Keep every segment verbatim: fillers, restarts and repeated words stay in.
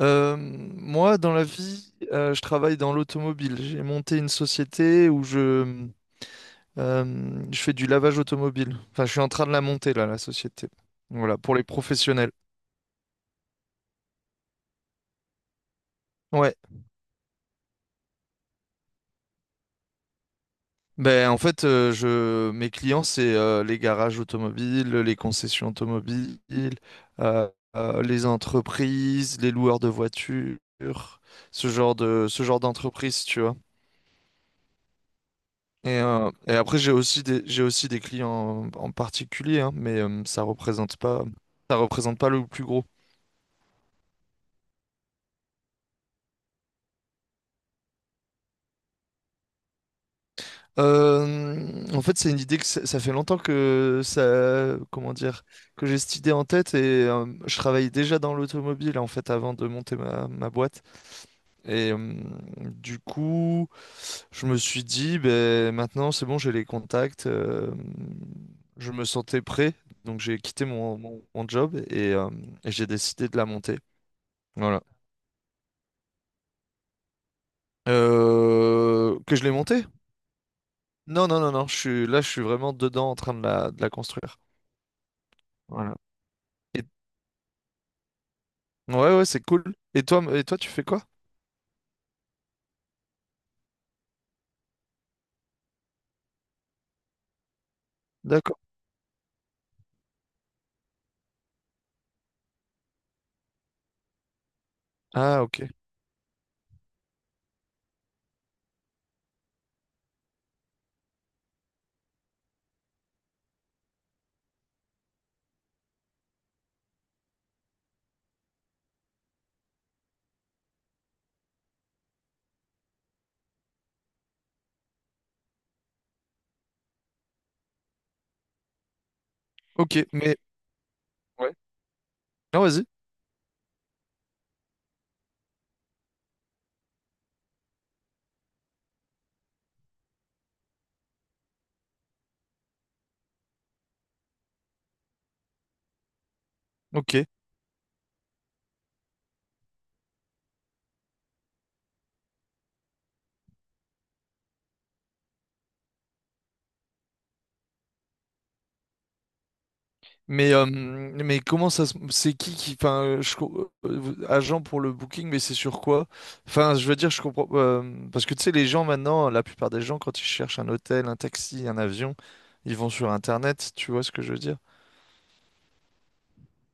Euh, moi, dans la vie, euh, je travaille dans l'automobile. J'ai monté une société où je, euh, je fais du lavage automobile. Enfin, je suis en train de la monter, là, la société. Voilà, pour les professionnels. Ouais. Ben, en fait, euh, je... mes clients, c'est euh, les garages automobiles, les concessions automobiles, euh, euh, les entreprises, les loueurs de voitures, ce genre de, ce genre d'entreprise, tu vois. Et, euh, et après, j'ai aussi des, j'ai aussi des clients en particulier, hein, mais euh, ça représente pas, ça représente pas le plus gros. Euh, en fait, c'est une idée que ça ça fait longtemps que ça, comment dire, que j'ai cette idée en tête et euh, je travaillais déjà dans l'automobile en fait avant de monter ma, ma boîte. Et euh, du coup, je me suis dit, ben maintenant c'est bon, j'ai les contacts, euh, je me sentais prêt, donc j'ai quitté mon, mon, mon job et, euh, et j'ai décidé de la monter. Voilà. Euh, que je l'ai montée? Non, non, non, non. Je suis là, je suis vraiment dedans en train de la, de la construire. Voilà. Et- ouais, ouais, c'est cool. Et toi, m- et toi, tu fais quoi? D'accord. Ah, ok. Ok, mais ouais. Ah, vas-y. Ok. Mais euh, mais comment ça se... c'est qui qui enfin euh, je co- euh, vous- agent pour le booking, mais c'est sur quoi? Enfin, je veux dire, je comprends euh, parce que tu sais, les gens maintenant, la plupart des gens, quand ils cherchent un hôtel, un taxi, un avion, ils vont sur Internet, tu vois ce que je veux dire?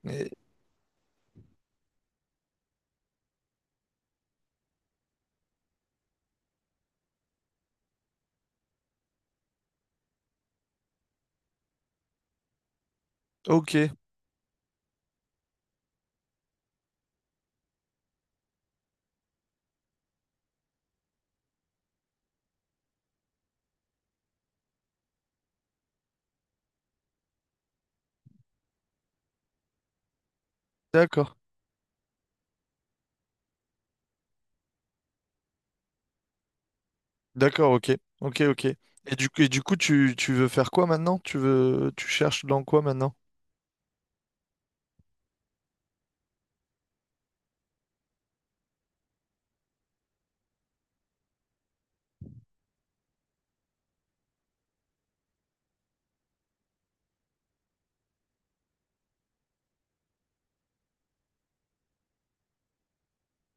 Mais ok, d'accord. D'accord, ok. Ok, ok. Et du, et du coup, tu, tu veux faire quoi maintenant? Tu veux, tu cherches dans quoi maintenant?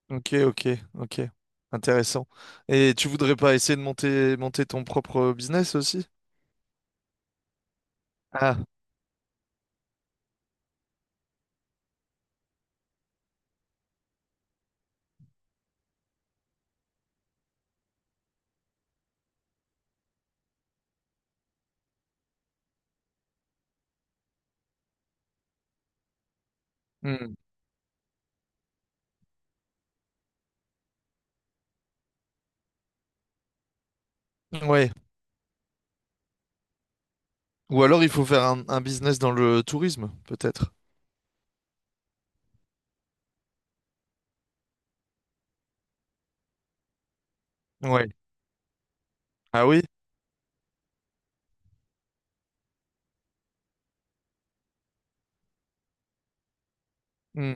Ok, ok, ok. Intéressant. Et tu voudrais pas essayer de monter, monter ton propre business aussi? Ah, hmm. Ouais. Ou alors il faut faire un, un business dans le tourisme, peut-être. Ouais. Ah oui? Hmm.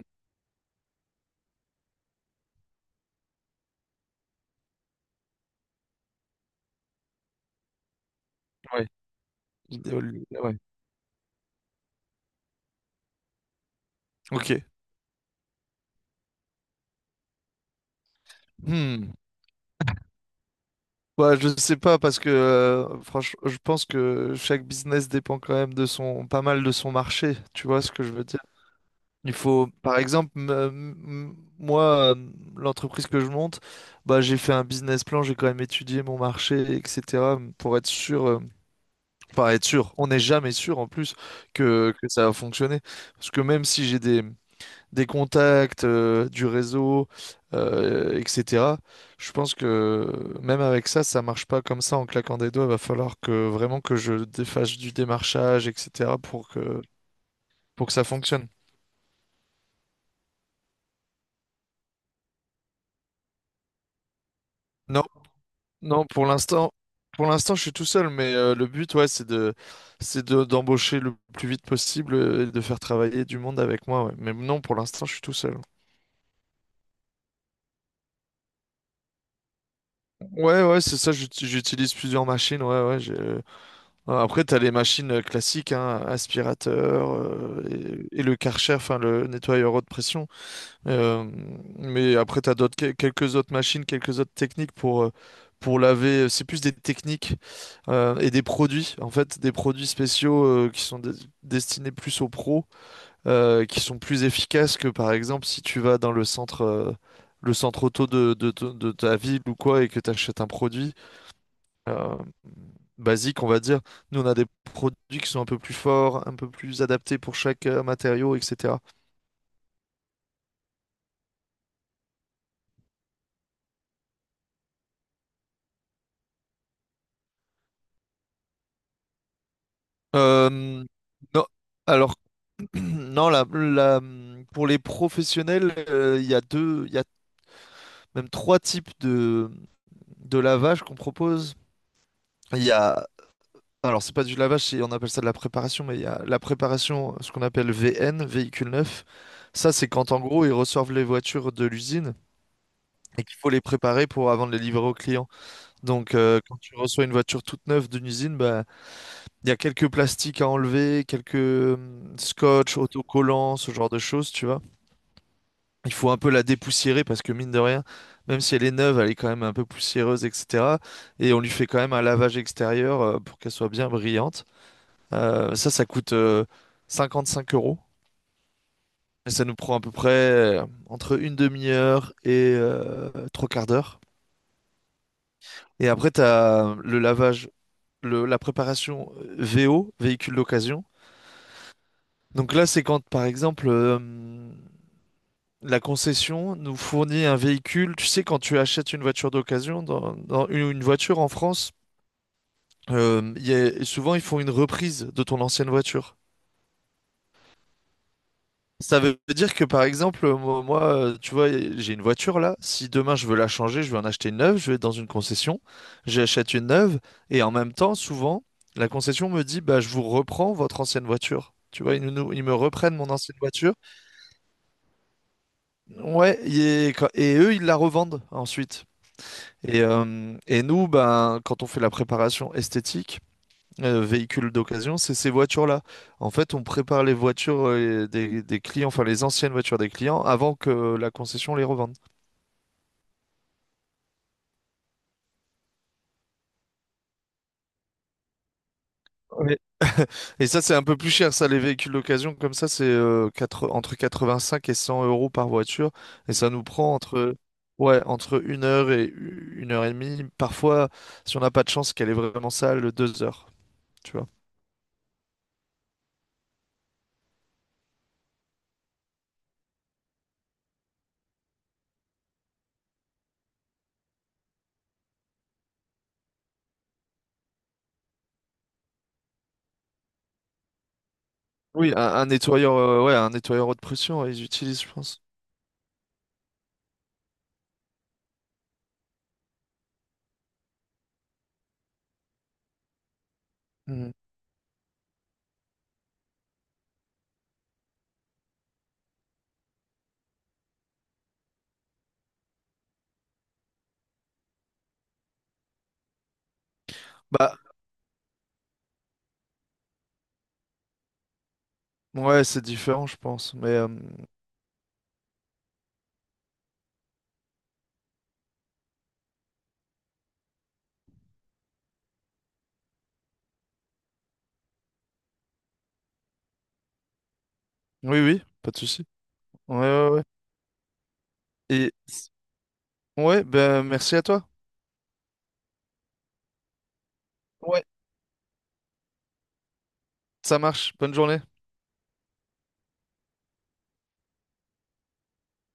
Ouais. Vidéo- ouais. Ok. Hmm. Ouais, je sais pas parce que euh, franchement, je pense que chaque business dépend quand même de son, pas mal de son marché. Tu vois ce que je veux dire? Il faut, par exemple, m- m- moi, euh, l'entreprise que je monte, bah, j'ai fait un business plan, j'ai quand même étudié mon marché, et cetera, pour être sûr, euh, enfin être sûr, on n'est jamais sûr en plus que, que ça va fonctionner. Parce que même si j'ai des, des contacts, euh, du réseau, euh, et cetera, je pense que même avec ça, ça marche pas comme ça en claquant des doigts. Il va falloir que vraiment que je défasse du démarchage, et cetera, pour que, pour que ça fonctionne. Non. Non, pour l'instant, pour l'instant, je suis tout seul, mais euh, le but, ouais, c'est de, c'est de, d'embaucher le plus vite possible euh, et de faire travailler du monde avec moi, ouais. Mais non, pour l'instant, je suis tout seul. Ouais, ouais, c'est ça, j'ut- j'utilise plusieurs machines, ouais, ouais. j'ai- euh, Après, t'as les machines euh, classiques, hein, aspirateur, euh, et, et le Karcher, enfin, le nettoyeur haute pression. Euh, mais après, tu as d'autres, quel- quelques autres machines, quelques autres techniques pour, euh, pour laver. euh, C'est plus des techniques euh, et des produits, en fait, des produits spéciaux euh, qui sont des- destinés plus aux pros, euh, qui sont plus efficaces que, par exemple, si tu vas dans le centre, euh, le centre auto de, de, de- de ta ville ou quoi, et que tu achètes un produit euh, basique, on va dire. Nous, on a des produits qui sont un peu plus forts, un peu plus adaptés pour chaque euh, matériau, et cetera. Euh, non. Alors non, la- la- pour les professionnels, euh, il y a deux, il y a même trois types de, de lavage qu'on propose. Il y a, alors c'est pas du lavage, c'est- on appelle ça de la préparation, mais il y a la préparation, ce qu'on appelle V N, véhicule neuf. Ça, c'est quand en gros ils reçoivent les voitures de l'usine, et qu'il faut les préparer pour avant de les livrer au client. Donc euh, quand tu reçois une voiture toute neuve d'une usine, bah, il y a quelques plastiques à enlever, quelques euh, scotch, autocollants, ce genre de choses, tu vois. Il faut un peu la dépoussiérer parce que, mine de rien, même si elle est neuve, elle est quand même un peu poussiéreuse, et cetera. Et on lui fait quand même un lavage extérieur euh, pour qu'elle soit bien brillante. Euh, ça, ça coûte euh, cinquante-cinq euros. Et ça nous prend à peu près, euh, entre une demi-heure et euh, trois quarts d'heure. Et après, tu as le lavage, le- la préparation euh, V O, véhicule d'occasion. Donc là, c'est quand, par exemple, euh, la concession nous fournit un véhicule. Tu sais, quand tu achètes une voiture d'occasion, dans, dans une, une voiture en France, euh, il y a- souvent ils font une reprise de ton ancienne voiture. Ça veut dire que, par exemple, moi, moi, euh, tu vois, j'ai une voiture là. Si demain je veux la changer, je veux en acheter une neuve, je vais dans une concession, j'achète une neuve, et en même temps, souvent, la concession me dit, bah, je vous reprends votre ancienne voiture. Tu vois, ils, nous- ils me reprennent mon ancienne voiture. Ouais, et, et eux, ils la revendent ensuite. Et, euh, et nous, ben, quand on fait la préparation esthétique, euh, véhicule d'occasion, c'est ces voitures-là. En fait, on prépare les voitures euh, des, des clients, enfin les anciennes voitures des clients, avant que la concession les revende. Ouais. Et ça, c'est un peu plus cher, ça, les véhicules d'occasion, comme ça, c'est euh, quatre- entre quatre-vingt-cinq et cent euros par voiture. Et ça nous prend entre, ouais, entre une heure et une heure et demie. Parfois, si on n'a pas de chance qu'elle est vraiment sale, deux heures. Tu vois. Oui, un, un nettoyeur, euh, ouais, un nettoyeur haute pression, ouais, ils utilisent, je pense. Mhm. Bah, ouais, c'est différent, je pense. Mais euh, oui, oui, pas de souci. Ouais, ouais, ouais. Et ouais, ben merci à toi. Ouais, ça marche. Bonne journée.